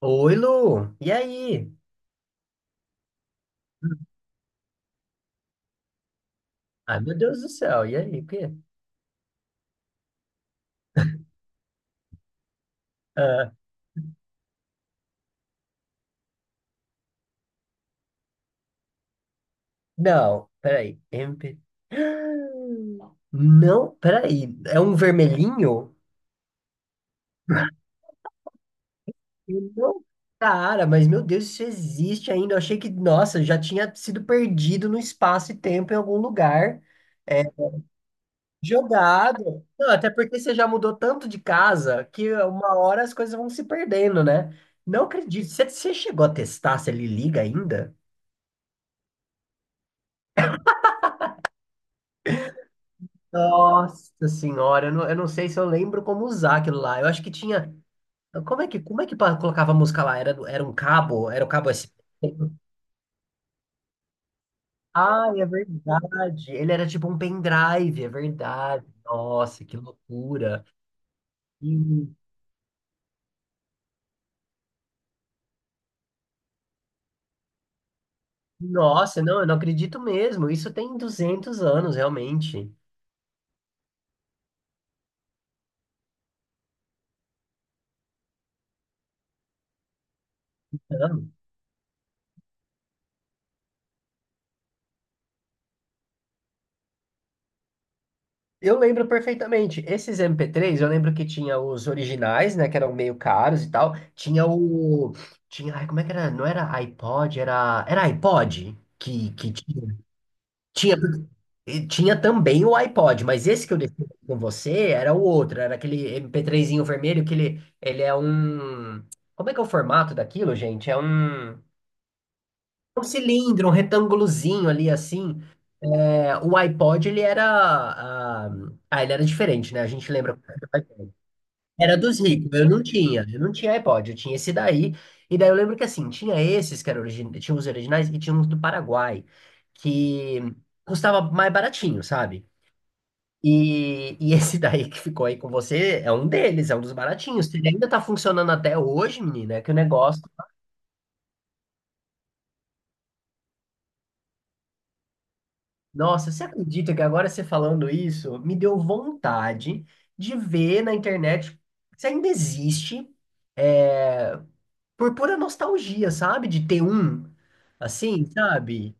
Oi, Lu. E aí? Ai, meu Deus do céu. E aí? O quê? Ah, não, peraí. MP... Não, peraí. É um vermelhinho? Eu Não, cara, mas meu Deus, isso existe ainda. Eu achei que, nossa, já tinha sido perdido no espaço e tempo em algum lugar. É, jogado. Não, até porque você já mudou tanto de casa que uma hora as coisas vão se perdendo, né? Não acredito. Você chegou a testar se ele liga ainda? Nossa senhora, eu não sei se eu lembro como usar aquilo lá. Eu acho que tinha. Como é que colocava a música lá? Era um cabo? Era o cabo SP? Ah, é verdade. Ele era tipo um pendrive, é verdade. Nossa, que loucura. E, Nossa, não, eu não acredito mesmo. Isso tem 200 anos, realmente. Eu lembro perfeitamente. Esses MP3. Eu lembro que tinha os originais, né, que eram meio caros e tal. Tinha, ai, como é que era? Não era iPod, era iPod que tinha. Tinha, e tinha também o iPod, mas esse que eu deixei com você era o outro, era aquele MP3zinho vermelho que ele é um. Como é que é o formato daquilo, gente? É um cilindro, um retângulozinho ali assim. É, o iPod ele era diferente, né? A gente lembra como era o iPod. Era dos ricos, eu não tinha iPod, eu tinha esse daí. E daí eu lembro que assim, tinha esses que eram origin... tinha os originais e tinha uns do Paraguai, que custava mais baratinho, sabe? E, esse daí que ficou aí com você é um deles, é um dos baratinhos. Se Ele ainda tá funcionando até hoje, menina, é que o negócio. Nossa, você acredita que agora você falando isso me deu vontade de ver na internet se ainda existe, por pura nostalgia, sabe? De ter um, assim, sabe?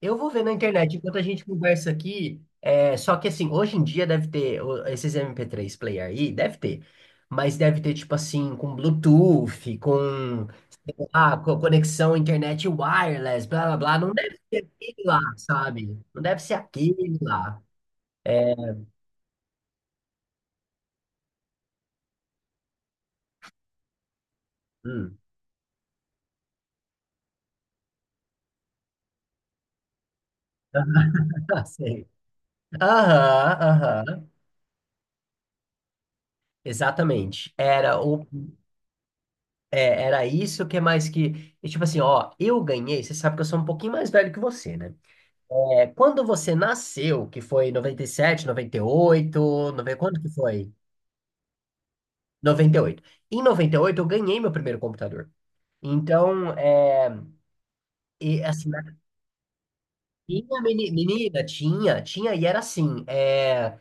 Eu vou ver na internet enquanto a gente conversa aqui. É, só que assim, hoje em dia deve ter esses MP3 player aí, deve ter. Mas deve ter, tipo assim, com Bluetooth, com conexão internet wireless, blá blá blá. Não deve ser aquele lá, sabe? Não deve ser aquele lá. Hum. Ah, sei. Aham, aham. Exatamente. Era isso que é mais que. E tipo assim, ó, eu ganhei. Você sabe que eu sou um pouquinho mais velho que você, né? É, quando você nasceu, que foi noventa noventa e sete noventa e oito 90, quando que foi? Noventa e oito. Em 98 eu ganhei meu primeiro computador. Então, e, assim, tinha menina, tinha, e era assim,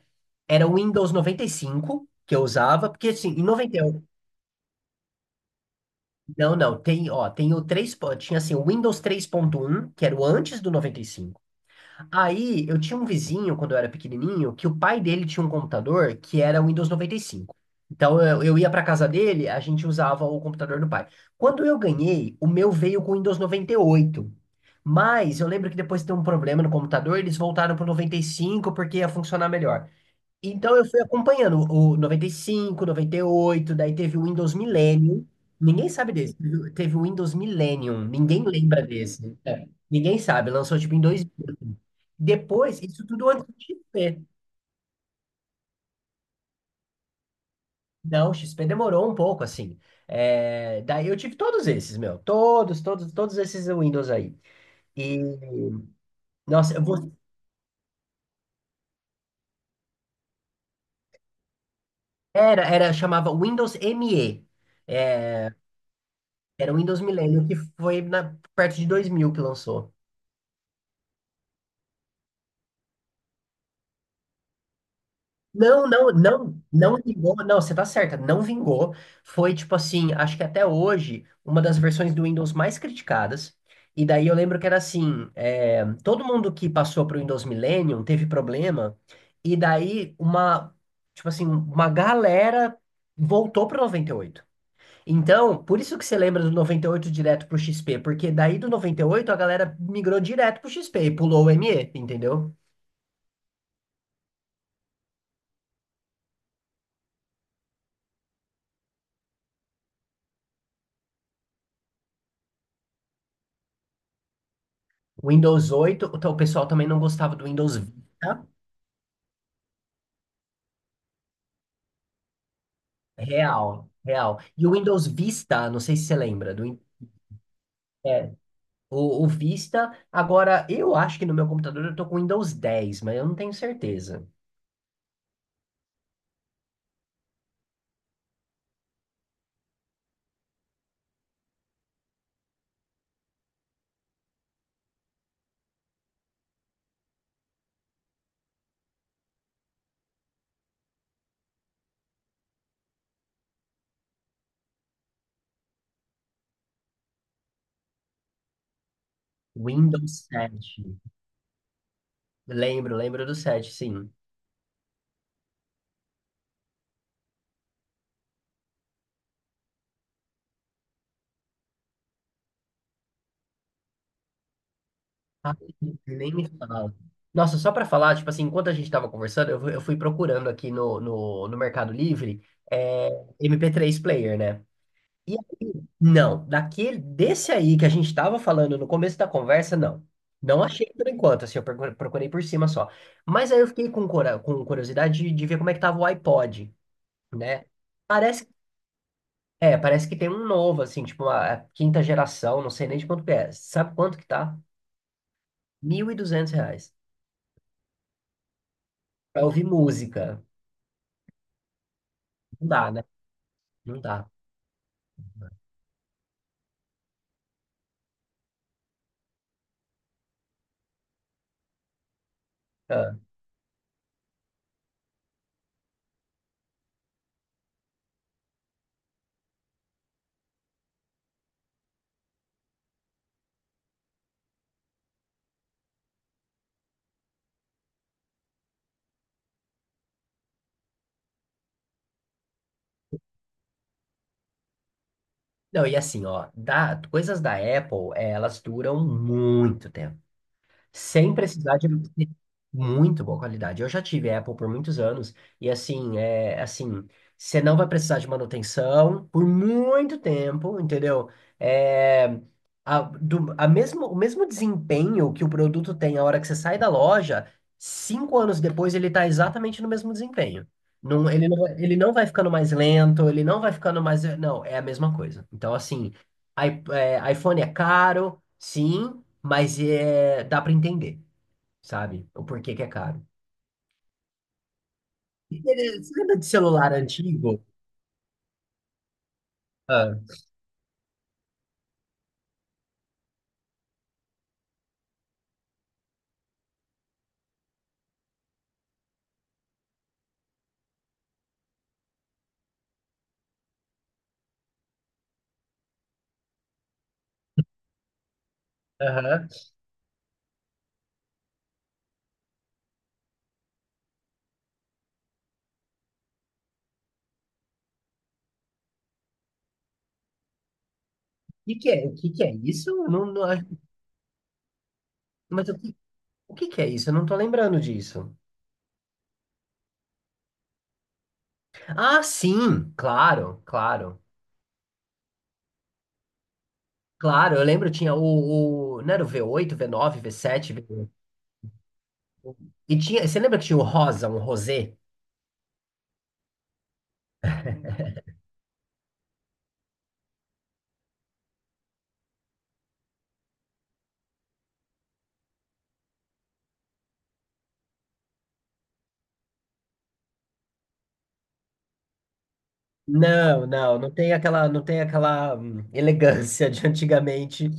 era o Windows 95 que eu usava, porque assim, em noventa. Não, não, tem, ó, tem o 3. Tinha assim, o Windows 3.1, que era o antes do 95. Aí, eu tinha um vizinho, quando eu era pequenininho, que o pai dele tinha um computador que era o Windows 95. Então, eu ia pra casa dele, a gente usava o computador do pai. Quando eu ganhei, o meu veio com o Windows 98. Mas eu lembro que depois de ter um problema no computador, eles voltaram pro 95 porque ia funcionar melhor. Então eu fui acompanhando o noventa noventa e cinco noventa e oito daí teve o Windows Millennium. Ninguém sabe desse. Teve o Windows Millennium, ninguém lembra desse. É, ninguém sabe, lançou tipo em 2000. Depois, isso tudo antes do XP. Não, o XP demorou um pouco, assim. É, daí eu tive todos esses, meu. Todos, todos, todos esses Windows aí. E, Nossa, era, chamava Windows ME. Era o Windows Millennium, que foi perto de 2000 que lançou. Não, não, não, não vingou, não, você tá certa, não vingou. Foi tipo assim, acho que até hoje, uma das versões do Windows mais criticadas. E daí eu lembro que era assim, todo mundo que passou pro Windows Millennium teve problema, e daí uma, tipo assim, uma galera voltou pro 98. Então, por isso que você lembra do 98 direto pro XP, porque daí do 98 a galera migrou direto pro XP e pulou o ME, entendeu? O Windows 8, o pessoal também não gostava do Windows Vista. Real, real. E o Windows Vista, não sei se você lembra, é, o Vista, agora eu acho que no meu computador eu tô com Windows 10, mas eu não tenho certeza. Windows 7. Lembro, lembro do 7, sim. Ah, nem me fala. Nossa, só para falar, tipo assim, enquanto a gente tava conversando, eu fui procurando aqui no Mercado Livre, é, MP3 player, né? E aí, não, daquele, desse aí que a gente estava falando no começo da conversa, não. Não achei por enquanto, assim, eu procurei por cima só. Mas aí eu fiquei com curiosidade de ver como é que tava o iPod, né? Parece, parece que tem um novo, assim, tipo uma a quinta geração, não sei nem de quanto que é. Sabe quanto que tá? R$ 1.200. Pra ouvir música. Não dá, né? Não dá. Ah. Não, e assim, ó, coisas da Apple, elas duram muito tempo. Sem precisar de muito boa qualidade. Eu já tive Apple por muitos anos e assim, é assim, você não vai precisar de manutenção por muito tempo, entendeu? É, a, do, a mesmo, o mesmo desempenho que o produto tem a hora que você sai da loja, 5 anos depois ele está exatamente no mesmo desempenho. Não, ele não vai ficando mais lento, ele não vai ficando mais. Não, é a mesma coisa. Então, assim, é, iPhone é caro, sim, mas é, dá para entender, sabe? O porquê que é caro. Você lembra de celular antigo? Ah, aham. O que que é isso? Eu Não, não, acho- Mas o que que é isso? Eu não tô lembrando disso. Ah, sim, claro, claro. Claro, eu lembro, não era o V8, V9, V7 V... E tinha, você lembra que tinha o rosa, um rosé? Não, não, não tem aquela elegância de antigamente,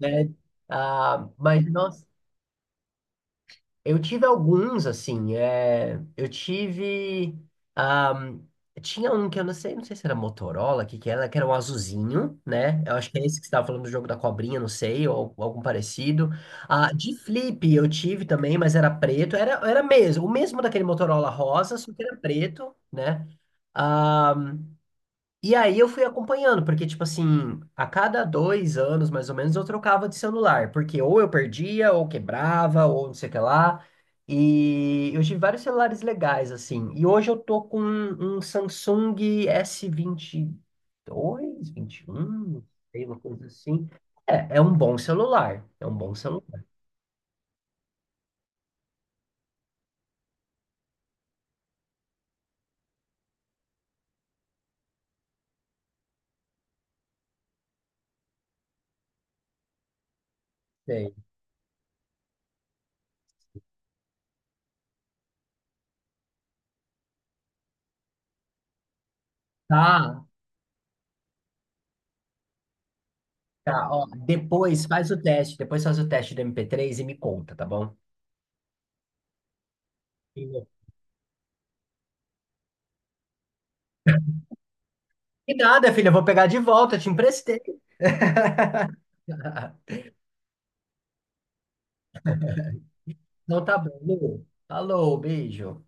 né? Ah, mas nossa. Eu tive alguns, assim, ahm, tinha um que eu não sei se era Motorola, que era um azulzinho, né? Eu acho que é esse que você estava falando do jogo da cobrinha, não sei, ou algum parecido. Ah, de flip eu tive também, mas era preto, era mesmo, o mesmo daquele Motorola rosa, só que era preto, né? Ah, e aí eu fui acompanhando, porque, tipo assim, a cada 2 anos, mais ou menos, eu trocava de celular, porque ou eu perdia, ou quebrava, ou não sei o que lá. E eu tive vários celulares legais, assim. E hoje eu tô com um Samsung S22, vinte e dois vinte e um sei, uma coisa assim. É, é um bom celular. É um bom celular. Sei. Tá, tá, ó. Depois faz o teste, depois faz o teste do MP3 e me conta, tá bom? E nada, filha, eu vou pegar de volta, eu te emprestei. Então tá bom, Lu. Falou, beijo.